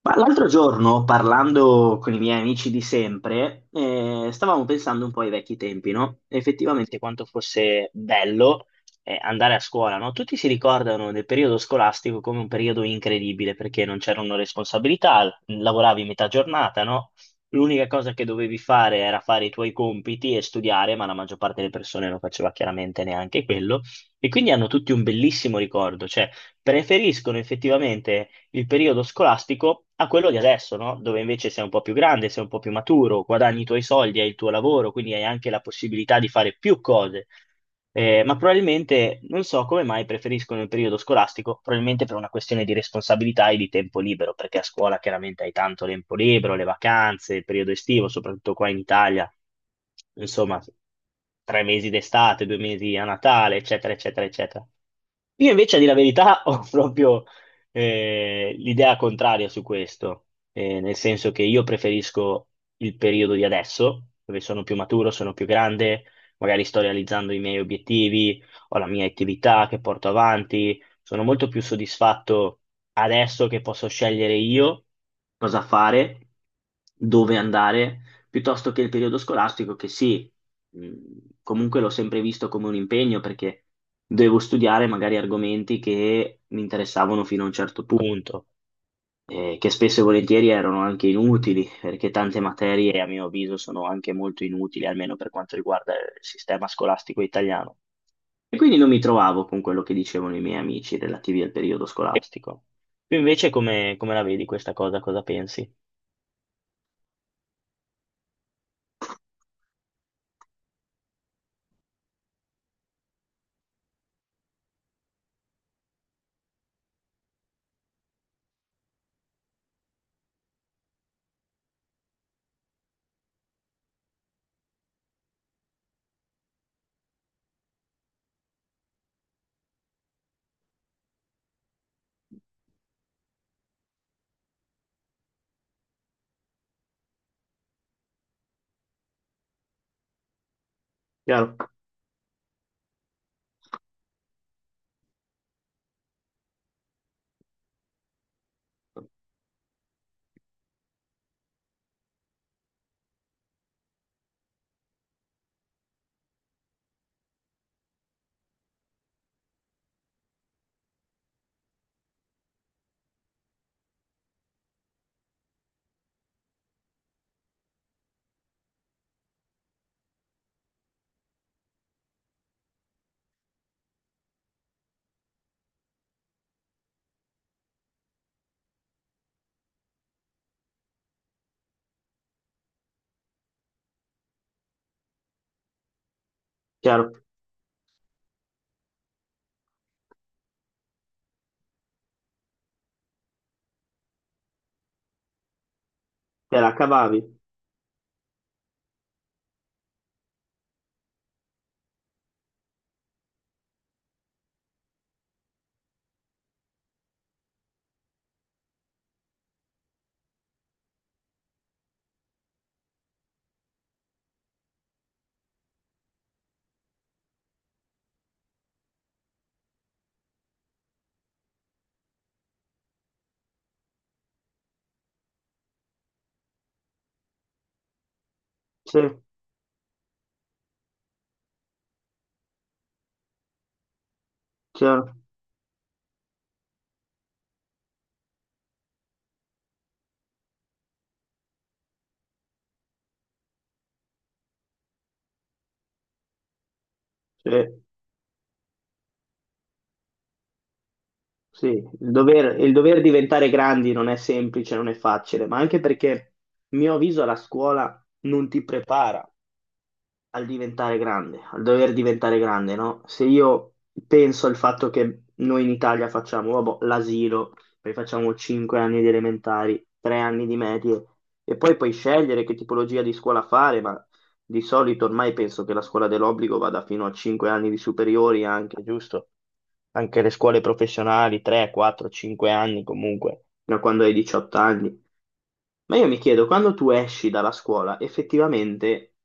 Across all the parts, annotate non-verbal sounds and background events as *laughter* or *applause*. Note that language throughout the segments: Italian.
Ma l'altro giorno, parlando con i miei amici di sempre, stavamo pensando un po' ai vecchi tempi, no? Effettivamente quanto fosse bello, andare a scuola, no? Tutti si ricordano del periodo scolastico come un periodo incredibile, perché non c'erano responsabilità, lavoravi metà giornata, no? L'unica cosa che dovevi fare era fare i tuoi compiti e studiare, ma la maggior parte delle persone non faceva chiaramente neanche quello. E quindi hanno tutti un bellissimo ricordo, cioè preferiscono effettivamente il periodo scolastico a quello di adesso, no? Dove invece sei un po' più grande, sei un po' più maturo, guadagni i tuoi soldi, hai il tuo lavoro, quindi hai anche la possibilità di fare più cose. Ma probabilmente non so come mai preferiscono il periodo scolastico, probabilmente per una questione di responsabilità e di tempo libero, perché a scuola chiaramente hai tanto tempo libero, le vacanze, il periodo estivo, soprattutto qua in Italia, insomma, tre mesi d'estate, due mesi a Natale, eccetera, eccetera, eccetera. Io invece, a dire la verità, *laughs* ho proprio l'idea contraria su questo, nel senso che io preferisco il periodo di adesso, dove sono più maturo, sono più grande, magari sto realizzando i miei obiettivi, ho la mia attività che porto avanti, sono molto più soddisfatto adesso che posso scegliere io cosa fare, dove andare, piuttosto che il periodo scolastico che sì, mh, comunque l'ho sempre visto come un impegno. Perché dovevo studiare magari argomenti che mi interessavano fino a un certo punto, che spesso e volentieri erano anche inutili, perché tante materie, a mio avviso, sono anche molto inutili, almeno per quanto riguarda il sistema scolastico italiano. E quindi non mi trovavo con quello che dicevano i miei amici relativi al periodo scolastico. Tu invece come la vedi questa cosa? Cosa pensi? Chiaro, chiaro, te la cavavi. Sì, chiaro, sì. Sì, il dover diventare grandi non è semplice, non è facile, ma anche perché, a mio avviso, la scuola non ti prepara al diventare grande, al dover diventare grande, no? Se io penso al fatto che noi in Italia facciamo, vabbè, l'asilo, poi facciamo 5 anni di elementari, 3 anni di medie, e poi puoi scegliere che tipologia di scuola fare, ma di solito ormai penso che la scuola dell'obbligo vada fino a 5 anni di superiori anche, giusto? Anche le scuole professionali, 3, 4, 5 anni comunque, da quando hai 18 anni. Ma io mi chiedo, quando tu esci dalla scuola, effettivamente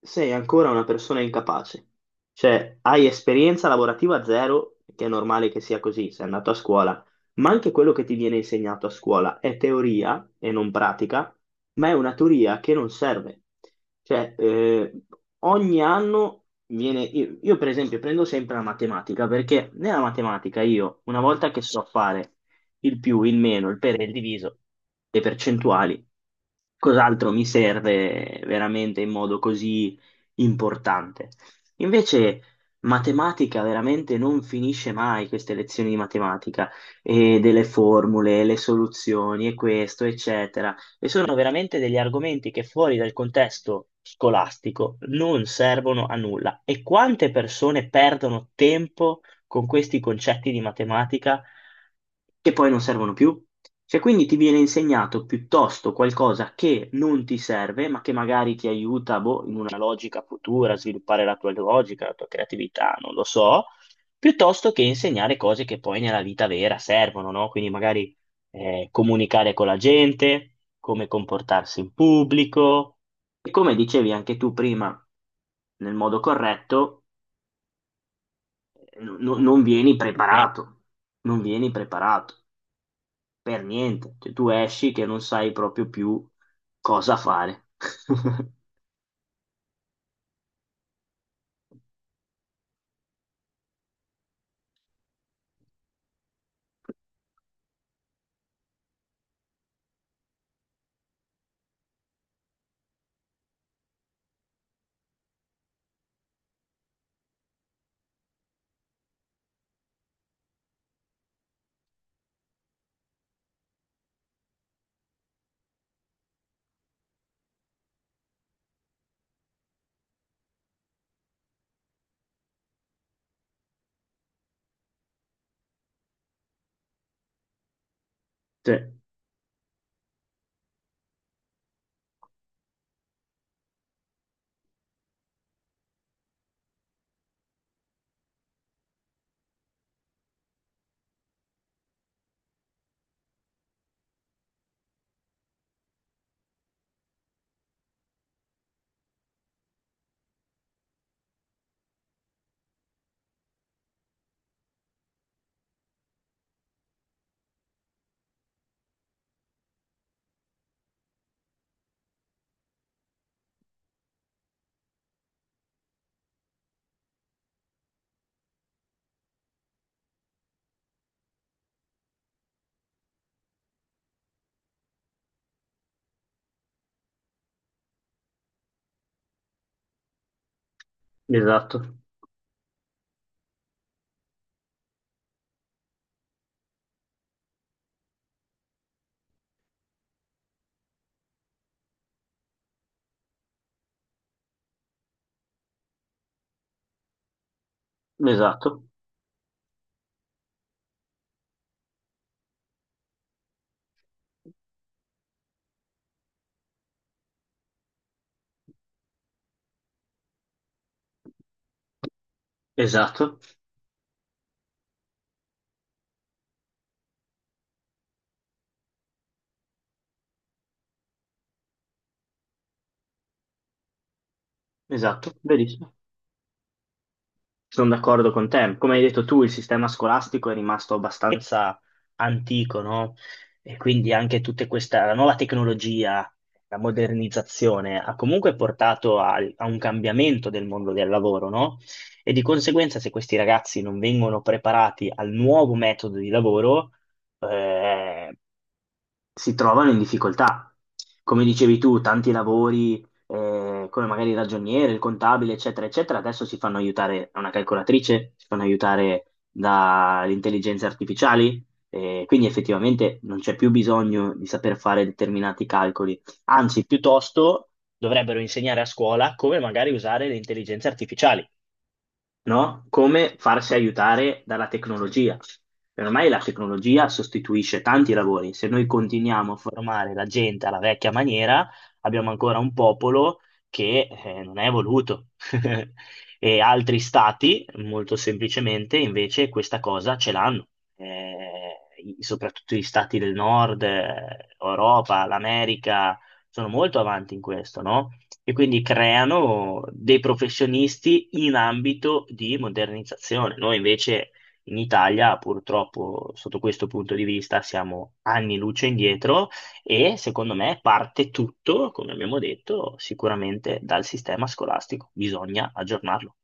sei ancora una persona incapace. Cioè, hai esperienza lavorativa zero, che è normale che sia così, sei andato a scuola, ma anche quello che ti viene insegnato a scuola è teoria e non pratica, ma è una teoria che non serve. Cioè, Io, per esempio, prendo sempre la matematica, perché nella matematica io, una volta che so fare il più, il meno, il per e il diviso, le percentuali, cos'altro mi serve veramente in modo così importante. Invece matematica veramente non finisce mai queste lezioni di matematica e delle formule, le soluzioni e questo, eccetera. E sono veramente degli argomenti che fuori dal contesto scolastico non servono a nulla. E quante persone perdono tempo con questi concetti di matematica che poi non servono più. Cioè, quindi ti viene insegnato piuttosto qualcosa che non ti serve, ma che magari ti aiuta, boh, in una logica futura, a sviluppare la tua logica, la tua creatività, non lo so, piuttosto che insegnare cose che poi nella vita vera servono, no? Quindi magari comunicare con la gente, come comportarsi in pubblico e, come dicevi anche tu prima, nel modo corretto, no, non vieni preparato, non vieni preparato per niente. Cioè, tu esci che non sai proprio più cosa fare. *laughs* Sì, esatto, esatto, esatto, esatto, verissimo. Sono d'accordo con te. Come hai detto tu, il sistema scolastico è rimasto abbastanza antico, no? E quindi anche tutta questa, la nuova tecnologia, la modernizzazione ha comunque portato a un cambiamento del mondo del lavoro, no? E di conseguenza, se questi ragazzi non vengono preparati al nuovo metodo di lavoro, eh, si trovano in difficoltà. Come dicevi tu, tanti lavori, come magari il ragioniere, il contabile, eccetera, eccetera, adesso si fanno aiutare da una calcolatrice, si fanno aiutare dalle intelligenze artificiali, quindi effettivamente non c'è più bisogno di saper fare determinati calcoli. Anzi, piuttosto dovrebbero insegnare a scuola come magari usare le intelligenze artificiali, no? Come farsi aiutare dalla tecnologia. E ormai la tecnologia sostituisce tanti lavori. Se noi continuiamo a formare la gente alla vecchia maniera, abbiamo ancora un popolo che non è evoluto. *laughs* E altri stati, molto semplicemente, invece questa cosa ce l'hanno. Soprattutto gli stati del nord, Europa, l'America, sono molto avanti in questo, no? E quindi creano dei professionisti in ambito di modernizzazione. Noi invece in Italia, purtroppo, sotto questo punto di vista, siamo anni luce indietro e secondo me parte tutto, come abbiamo detto, sicuramente dal sistema scolastico. Bisogna aggiornarlo.